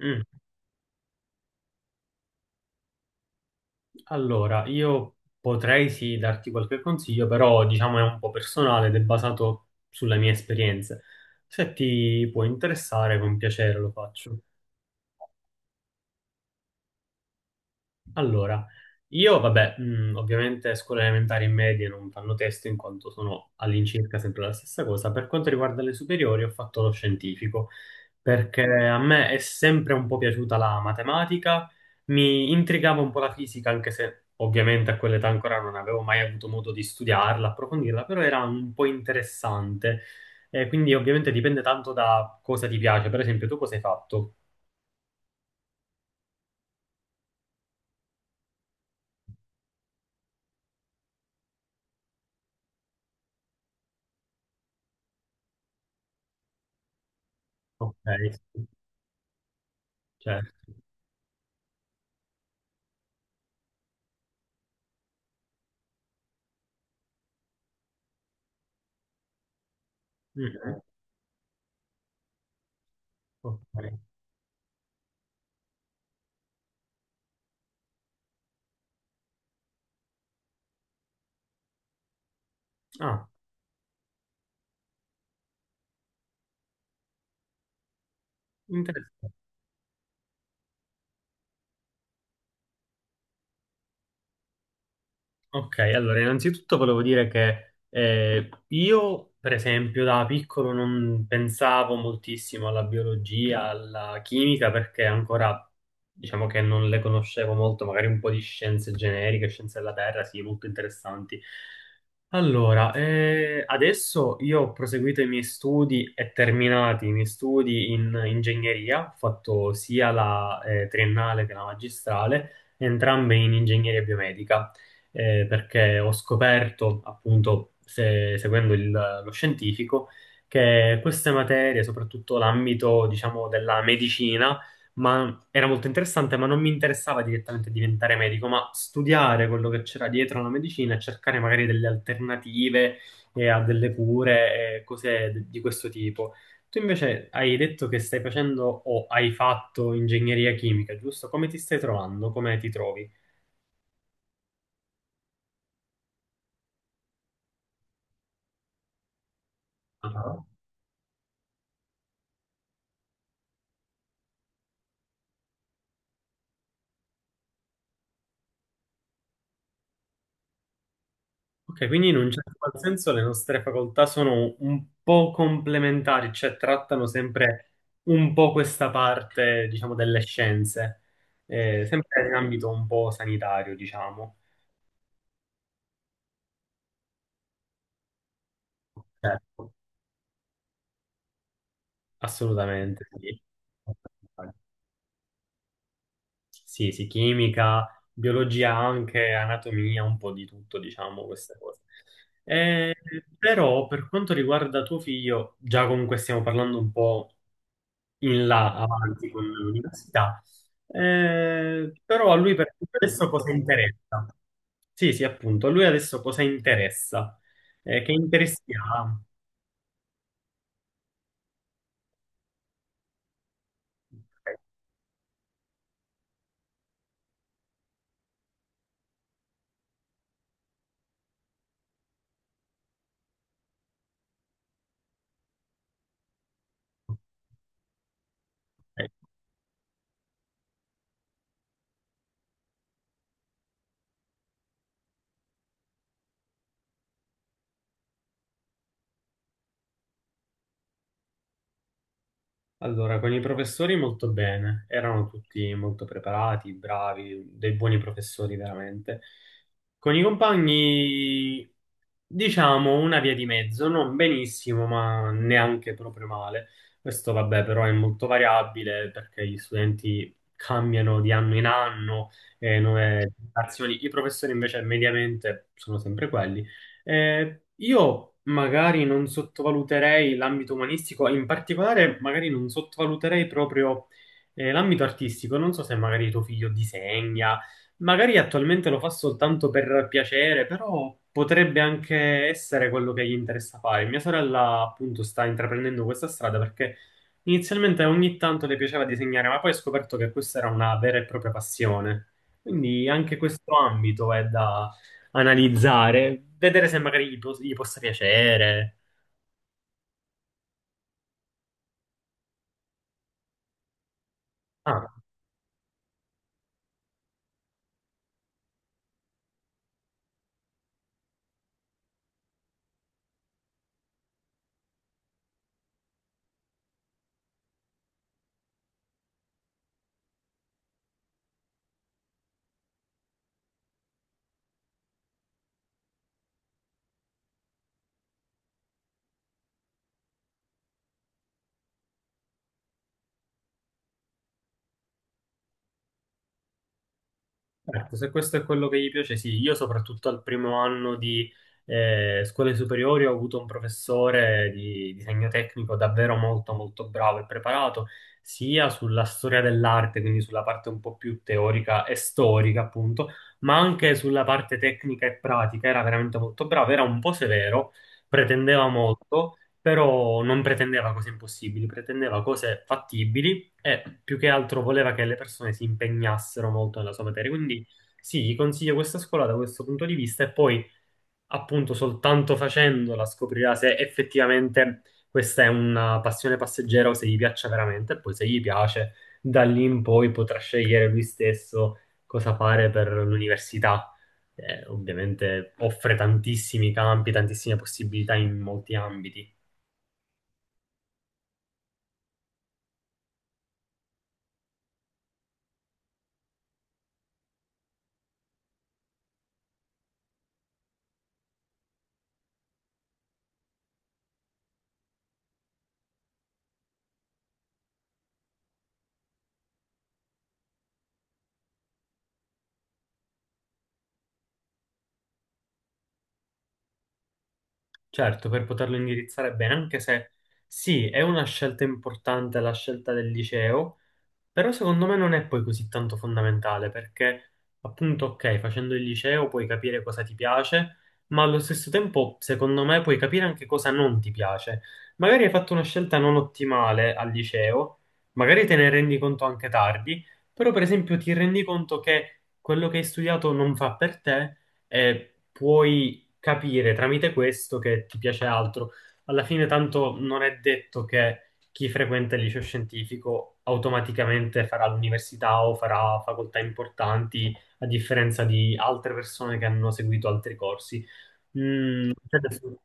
Mm. Allora, io potrei sì darti qualche consiglio, però diciamo è un po' personale ed è basato sulle mie esperienze. Se ti può interessare, con piacere lo faccio. Allora, io vabbè, ovviamente scuole elementari e medie non fanno testo in quanto sono all'incirca sempre la stessa cosa. Per quanto riguarda le superiori, ho fatto lo scientifico. Perché a me è sempre un po' piaciuta la matematica, mi intrigava un po' la fisica, anche se ovviamente a quell'età ancora non avevo mai avuto modo di studiarla, approfondirla, però era un po' interessante. E quindi ovviamente dipende tanto da cosa ti piace. Per esempio, tu cosa hai fatto? Ok, sì, certo. Mm, ok. Ah, interessante. Ok, allora innanzitutto volevo dire che io, per esempio, da piccolo non pensavo moltissimo alla biologia, alla chimica, perché ancora diciamo che non le conoscevo molto, magari un po' di scienze generiche, scienze della Terra, sì, molto interessanti. Allora, adesso io ho proseguito i miei studi e terminati i miei studi in ingegneria, ho fatto sia la triennale che la magistrale, entrambe in ingegneria biomedica, perché ho scoperto, appunto, seguendo lo scientifico, che queste materie, soprattutto l'ambito, diciamo, della medicina, ma era molto interessante, ma non mi interessava direttamente diventare medico, ma studiare quello che c'era dietro la medicina e cercare magari delle alternative e a delle cure e cose di questo tipo. Tu invece hai detto che stai facendo o hai fatto ingegneria chimica, giusto? Come ti stai trovando? Come ti trovi? Ah. Ok, quindi in un certo qual senso le nostre facoltà sono un po' complementari, cioè trattano sempre un po' questa parte, diciamo, delle scienze, sempre in ambito un po' sanitario, diciamo. Certo, assolutamente, sì. Sì, sì, chimica, biologia anche, anatomia, un po' di tutto, diciamo, queste cose. Eh, però per quanto riguarda tuo figlio, già comunque stiamo parlando un po' in là avanti con l'università. Però a lui per adesso cosa interessa? Sì, sì, appunto, a lui adesso cosa interessa? Che interessi ha? Ecco. Ecco. Allora, con i professori molto bene, erano tutti molto preparati, bravi, dei buoni professori veramente. Con i compagni, diciamo, una via di mezzo, non benissimo, ma neanche proprio male. Questo, vabbè, però è molto variabile perché gli studenti cambiano di anno in anno e nuove generazioni. I professori invece mediamente sono sempre quelli. Io magari non sottovaluterei l'ambito umanistico, in particolare magari non sottovaluterei proprio l'ambito artistico. Non so se magari tuo figlio disegna, magari attualmente lo fa soltanto per piacere, però potrebbe anche essere quello che gli interessa fare. Mia sorella appunto sta intraprendendo questa strada perché inizialmente ogni tanto le piaceva disegnare, ma poi ha scoperto che questa era una vera e propria passione. Quindi anche questo ambito è da analizzare, vedere se magari gli, gli possa piacere. Ah. Certo, se questo è quello che gli piace, sì. Io soprattutto al primo anno di scuole superiori ho avuto un professore di disegno tecnico davvero molto molto bravo e preparato, sia sulla storia dell'arte, quindi sulla parte un po' più teorica e storica, appunto, ma anche sulla parte tecnica e pratica. Era veramente molto bravo, era un po' severo, pretendeva molto, però non pretendeva cose impossibili, pretendeva cose fattibili e più che altro voleva che le persone si impegnassero molto nella sua materia. Quindi sì, gli consiglio questa scuola da questo punto di vista e poi appunto soltanto facendola scoprirà se effettivamente questa è una passione passeggera o se gli piaccia veramente e poi se gli piace da lì in poi potrà scegliere lui stesso cosa fare per l'università. Ovviamente offre tantissimi campi, tantissime possibilità in molti ambiti. Certo, per poterlo indirizzare bene, anche se sì, è una scelta importante la scelta del liceo, però secondo me non è poi così tanto fondamentale perché appunto, ok, facendo il liceo puoi capire cosa ti piace, ma allo stesso tempo, secondo me, puoi capire anche cosa non ti piace. Magari hai fatto una scelta non ottimale al liceo, magari te ne rendi conto anche tardi, però per esempio ti rendi conto che quello che hai studiato non fa per te e puoi capire tramite questo che ti piace altro. Alla fine, tanto non è detto che chi frequenta il liceo scientifico automaticamente farà l'università o farà facoltà importanti, a differenza di altre persone che hanno seguito altri corsi. Mm, cioè adesso-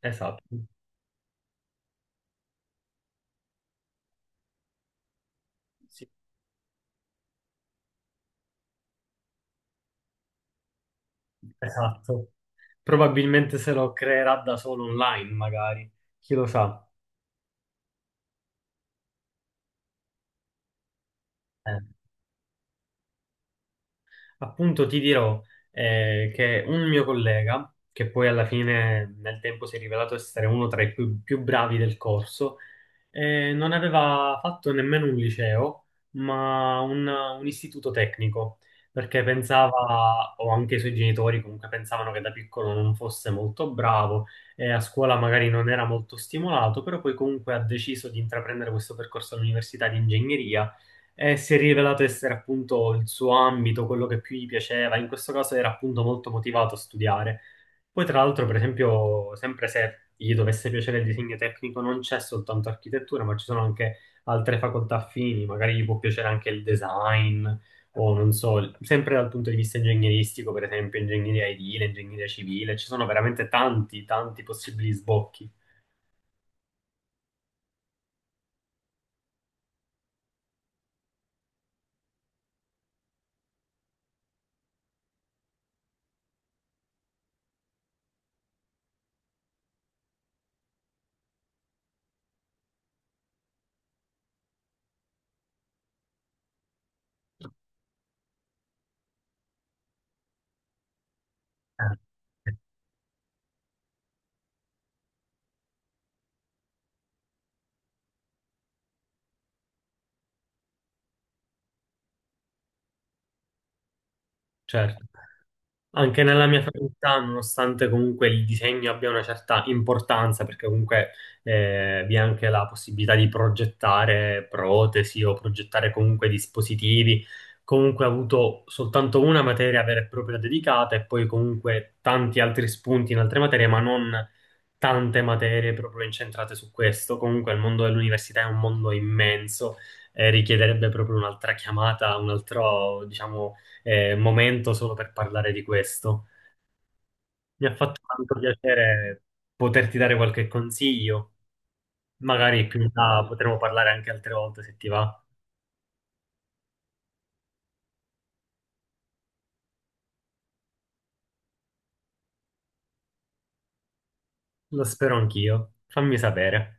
esatto, sì, esatto. Probabilmente se lo creerà da solo online, magari. Chi lo sa? Eh. Appunto ti dirò che un mio collega, che poi alla fine nel tempo si è rivelato essere uno tra i più bravi del corso, non aveva fatto nemmeno un liceo, ma un istituto tecnico, perché pensava, o anche i suoi genitori comunque pensavano che da piccolo non fosse molto bravo e a scuola magari non era molto stimolato, però poi comunque ha deciso di intraprendere questo percorso all'università di ingegneria e si è rivelato essere appunto il suo ambito, quello che più gli piaceva. In questo caso era appunto molto motivato a studiare. Poi tra l'altro, per esempio, sempre se gli dovesse piacere il disegno tecnico, non c'è soltanto architettura, ma ci sono anche altre facoltà affini, magari gli può piacere anche il design o non so, sempre dal punto di vista ingegneristico, per esempio, ingegneria edile, ingegneria civile, ci sono veramente tanti possibili sbocchi. Eh. Certo. Anche nella mia facoltà, nonostante comunque il disegno abbia una certa importanza, perché comunque vi è anche la possibilità di progettare protesi o progettare comunque dispositivi, comunque ho avuto soltanto una materia vera e propria dedicata e poi comunque tanti altri spunti in altre materie, ma non tante materie proprio incentrate su questo. Comunque il mondo dell'università è un mondo immenso e richiederebbe proprio un'altra chiamata, un altro, diciamo, momento solo per parlare di questo. Mi ha fatto tanto piacere poterti dare qualche consiglio. Magari più in là potremo parlare anche altre volte se ti va. Lo spero anch'io. Fammi sapere.